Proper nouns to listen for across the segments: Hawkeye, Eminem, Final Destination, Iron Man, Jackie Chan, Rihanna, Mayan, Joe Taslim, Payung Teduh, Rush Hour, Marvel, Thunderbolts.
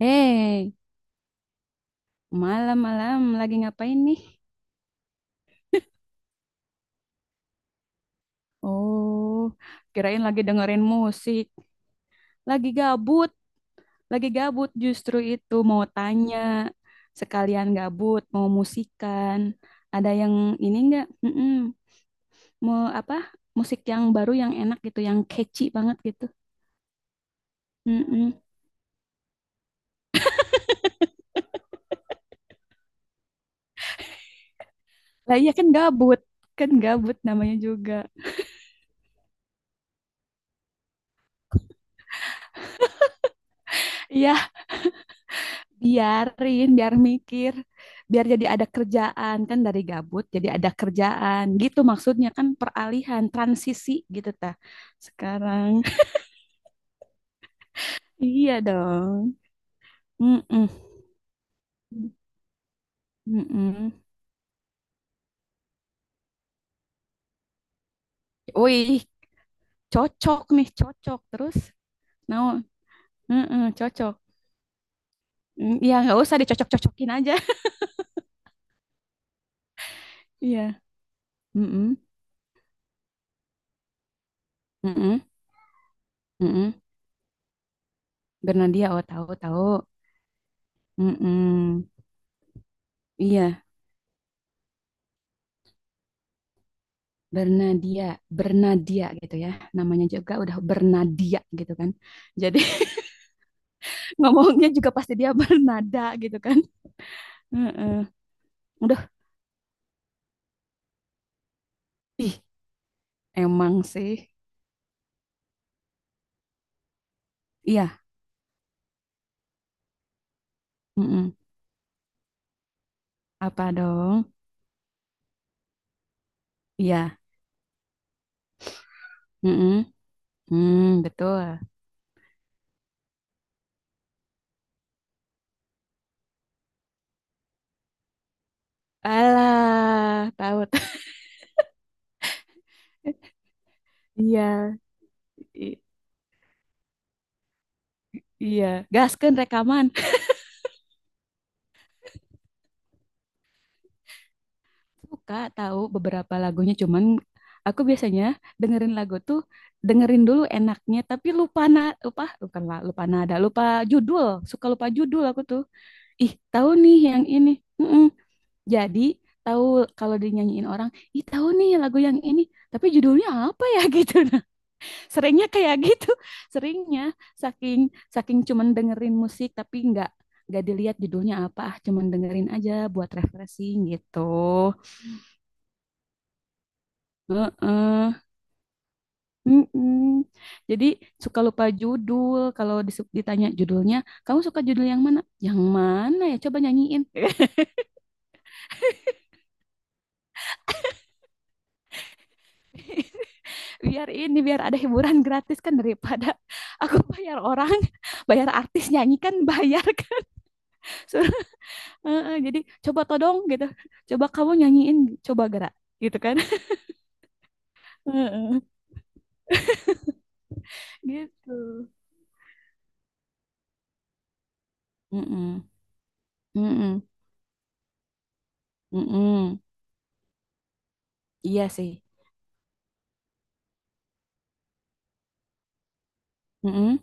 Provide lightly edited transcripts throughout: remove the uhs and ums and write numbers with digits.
Hei, malam-malam lagi ngapain nih? Oh, kirain lagi dengerin musik. Lagi gabut, lagi gabut justru itu mau tanya. Sekalian gabut, mau musikan. Ada yang ini enggak? Mm-mm. Mau apa? Musik yang baru yang enak gitu, yang catchy banget gitu. Mm-mm. Lah iya kan gabut namanya juga. Iya, biarin biar mikir, biar jadi ada kerjaan, kan dari gabut jadi ada kerjaan gitu, maksudnya kan peralihan transisi gitu ta sekarang. Iya dong. Mm-mm. Mm-mm. Wih, cocok nih, cocok terus no. Mm-mm, cocok. Mm, iya nggak usah dicocok-cocokin aja. Iya. Mm-mm. Mm-mm. Mm-mm. Bernadia, oh tahu tahu. Mm-mm. Iya. Bernadia, Bernadia gitu ya. Namanya juga udah Bernadia gitu kan. Jadi ngomongnya juga pasti dia bernada gitu kan. Heeh. Udah, ih, emang sih. Iya, mm-mm. Apa dong? Iya, mm-mm. Hmm, betul. Alah, tahu. Iya, i- iya. Gaskeun rekaman. Suka, tahu beberapa lagunya, cuman aku biasanya dengerin lagu tuh, dengerin dulu enaknya tapi lupa, bukan lah, lupa nada, lupa judul, suka lupa judul aku tuh. Ih tahu nih yang ini. Mm-mm. Jadi tahu, kalau dinyanyiin orang ih tahu nih lagu yang ini, tapi judulnya apa ya. Gitu, nah seringnya kayak gitu, seringnya saking saking cuman dengerin musik tapi nggak dilihat judulnya apa, ah cuman dengerin aja buat refreshing gitu. Heeh. Mm-mm. Jadi suka lupa judul. Kalau ditanya judulnya, kamu suka judul yang mana? Yang mana ya? Coba nyanyiin. Biar ini, biar ada hiburan gratis, kan daripada aku bayar orang, bayar artis nyanyi kan bayar kan. Suruh, heeh. Jadi coba todong gitu. Coba kamu nyanyiin, coba gerak gitu kan. Heeh. Gitu. Mm-mm. Mm-mm. Mm-mm. Iya sih. Mm-mm.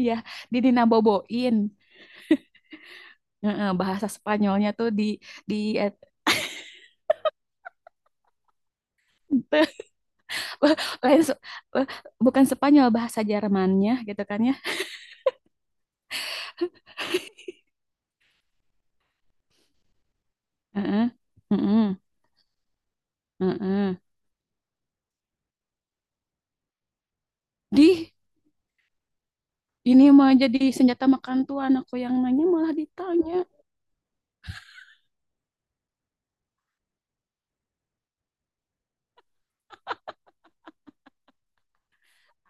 Iya, didinaboboin. Heeh, bahasa Spanyolnya tuh di eh, lain se- eh, bukan Spanyol, bahasa Jermannya gitu kan ya. Heeh, heeh, heeh. Di ini mah jadi senjata makan tuan, aku yang nanya malah ditanya.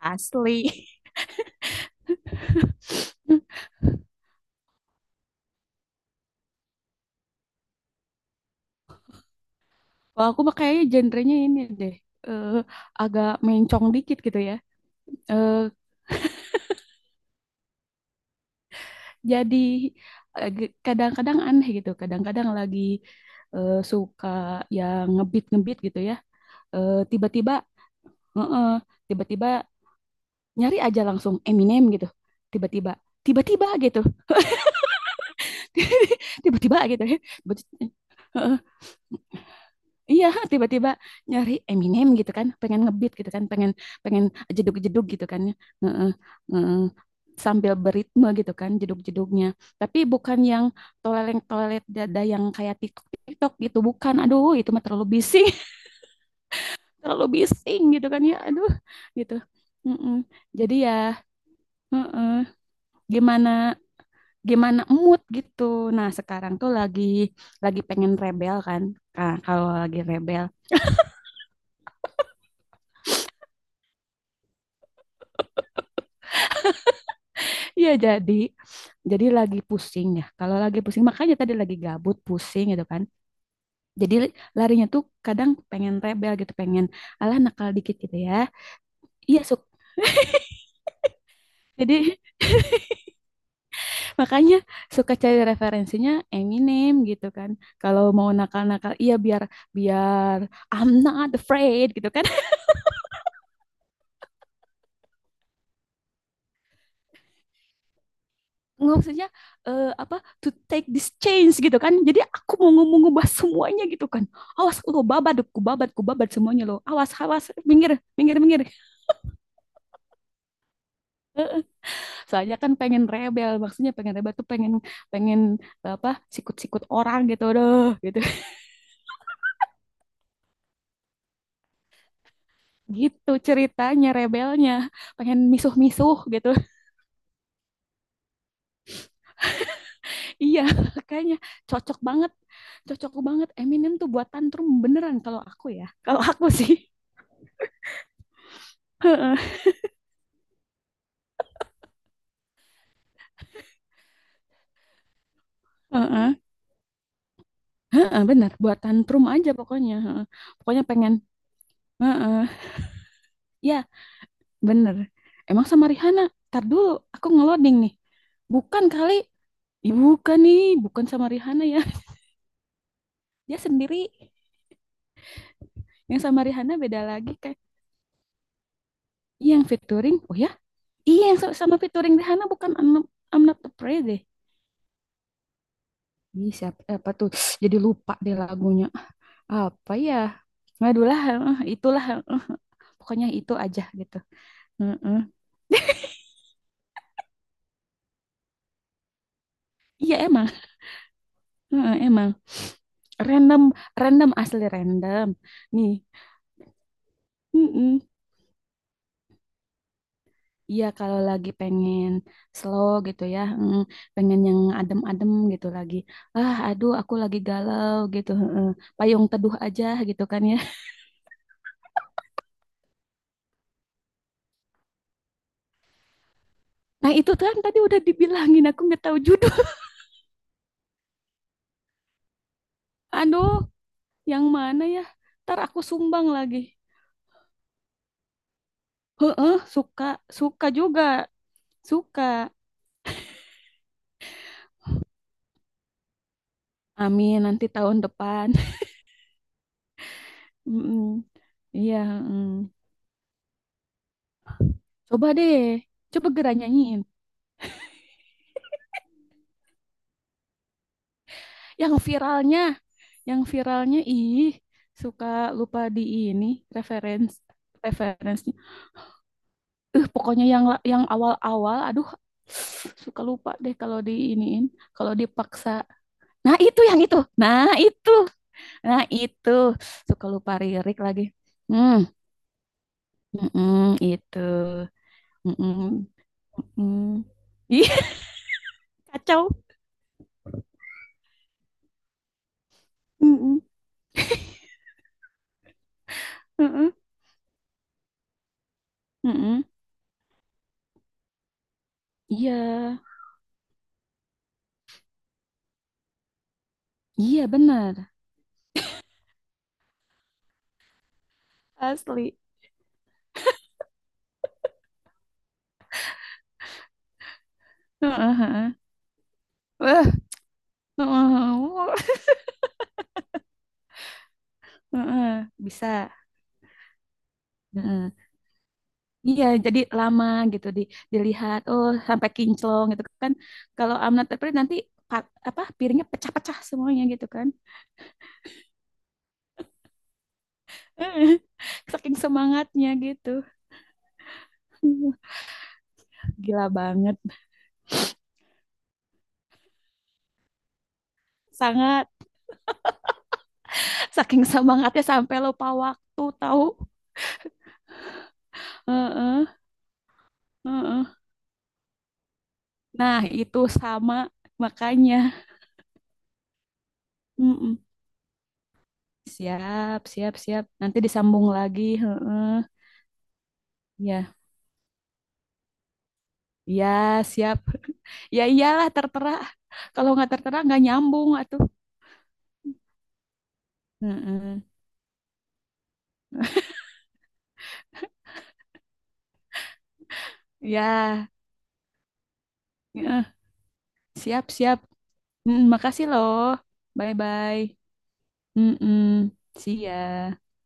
Asli. Kalau aku mah kayaknya genrenya ini deh. eh, Agak mencong dikit gitu ya. Eh, jadi kadang-kadang aneh gitu. Kadang-kadang lagi suka yang ngebit-ngebit gitu ya. Tiba-tiba heeh, tiba-tiba nyari aja langsung Eminem gitu. Tiba-tiba, tiba-tiba gitu. Tiba-tiba gitu ya. Heeh, iya, tiba-tiba nyari Eminem gitu kan, pengen ngebeat gitu kan, pengen pengen jeduk-jeduk gitu kan ya. Heeh, heeh. Sambil beritme gitu kan, jeduk-jeduknya. Tapi bukan yang toleleng-tolelet dada yang kayak TikTok-TikTok gitu, bukan. Aduh, itu mah terlalu bising, terlalu bising gitu kan ya. Aduh, gitu. Mm-mm. Jadi ya, heeh. Gimana Gimana mood gitu. Nah, sekarang tuh lagi pengen rebel kan. Nah, kalau lagi rebel, ya jadi lagi pusing ya. Kalau lagi pusing makanya tadi lagi gabut, pusing gitu kan. Jadi larinya tuh kadang pengen rebel gitu, pengen alah nakal dikit gitu ya. Iya, Suk. Jadi makanya suka cari referensinya Eminem gitu kan. Kalau mau nakal-nakal, iya biar, biar I'm not afraid gitu kan. Nggak, maksudnya eh, apa to take this change gitu kan, jadi aku mau ngomong, ngubah semuanya gitu kan, awas lo, babat ku babat, ku babat semuanya lo, awas awas, minggir, minggir, minggir. Eh, Soalnya kan pengen rebel, maksudnya pengen rebel tuh pengen pengen eh, apa sikut-sikut orang gitu doh gitu. Gitu ceritanya rebelnya, pengen misuh-misuh gitu. Iya, kayaknya cocok banget, cocok banget Eminem tuh buat tantrum beneran, kalau aku ya, kalau aku sih. Heeh, heeh. Heeh, bener, buat tantrum aja pokoknya. Heeh. Pokoknya pengen, heeh. Ya, bener. Emang sama Rihanna? Ntar dulu, aku ngeloding nih. Bukan kali. Ih, bukan nih, bukan sama Rihanna ya. Dia sendiri. Yang sama Rihanna beda lagi kayak. Iya, yang featuring. Oh ya? Iya, yang sama featuring Rihanna bukan I'm Not, I'm Not Afraid deh. Ih, siapa, apa tuh? Jadi lupa deh lagunya. Apa ya? Aduh lah, heeh, itulah. Heeh. Pokoknya itu aja gitu. Heeh. Iya, emang. Heeh, emang random, random asli random. Nih, mm iya kalau lagi pengen slow gitu ya, mm, pengen yang adem-adem gitu lagi. Ah, aduh, aku lagi galau gitu. Heeh. Payung teduh aja gitu kan ya. Nah itu kan tadi udah dibilangin, aku nggak tahu judul. Aduh, yang mana ya? Ntar aku sumbang lagi. Heeh, suka, suka juga, suka. Amin, nanti tahun depan. Mm-mm. Iya. Mm. Coba deh, coba Gera nyanyiin. Yang viralnya, yang viralnya ih suka lupa di ini reference referensinya. Eh pokoknya yang yang awal-awal, aduh, suka lupa deh kalau diiniin, kalau dipaksa. Nah itu yang itu, nah itu, nah itu suka lupa lirik lagi. Hmm, mm-mm, itu, mm-mm, mm. Ih, kacau. Mm-mm, mm-mm, mm-mm. Iya, iya benar. Asli. Heeh, heeh. Wah, heeh, heeh. Heeh. Bisa. Heeh. Iya, jadi lama gitu di dilihat. Oh, sampai kinclong gitu kan. Kalau I'm not afraid nanti apa piringnya pecah-pecah semuanya gitu kan. Heeh. Saking semangatnya gitu. Aduh, gila banget. Sangat, saking semangatnya sampai lupa waktu tahu. Heeh, heeh. Nah, itu sama makanya. Heeh. Siap, siap, siap. Nanti disambung lagi. Heeh. Ya, ya, siap. Ya iyalah tertera. Kalau nggak tertera nggak nyambung atuh. Heeh. Ya, heeh. Siap, siap. Mm, makasih loh. Bye-bye. Mm-mm. See ya.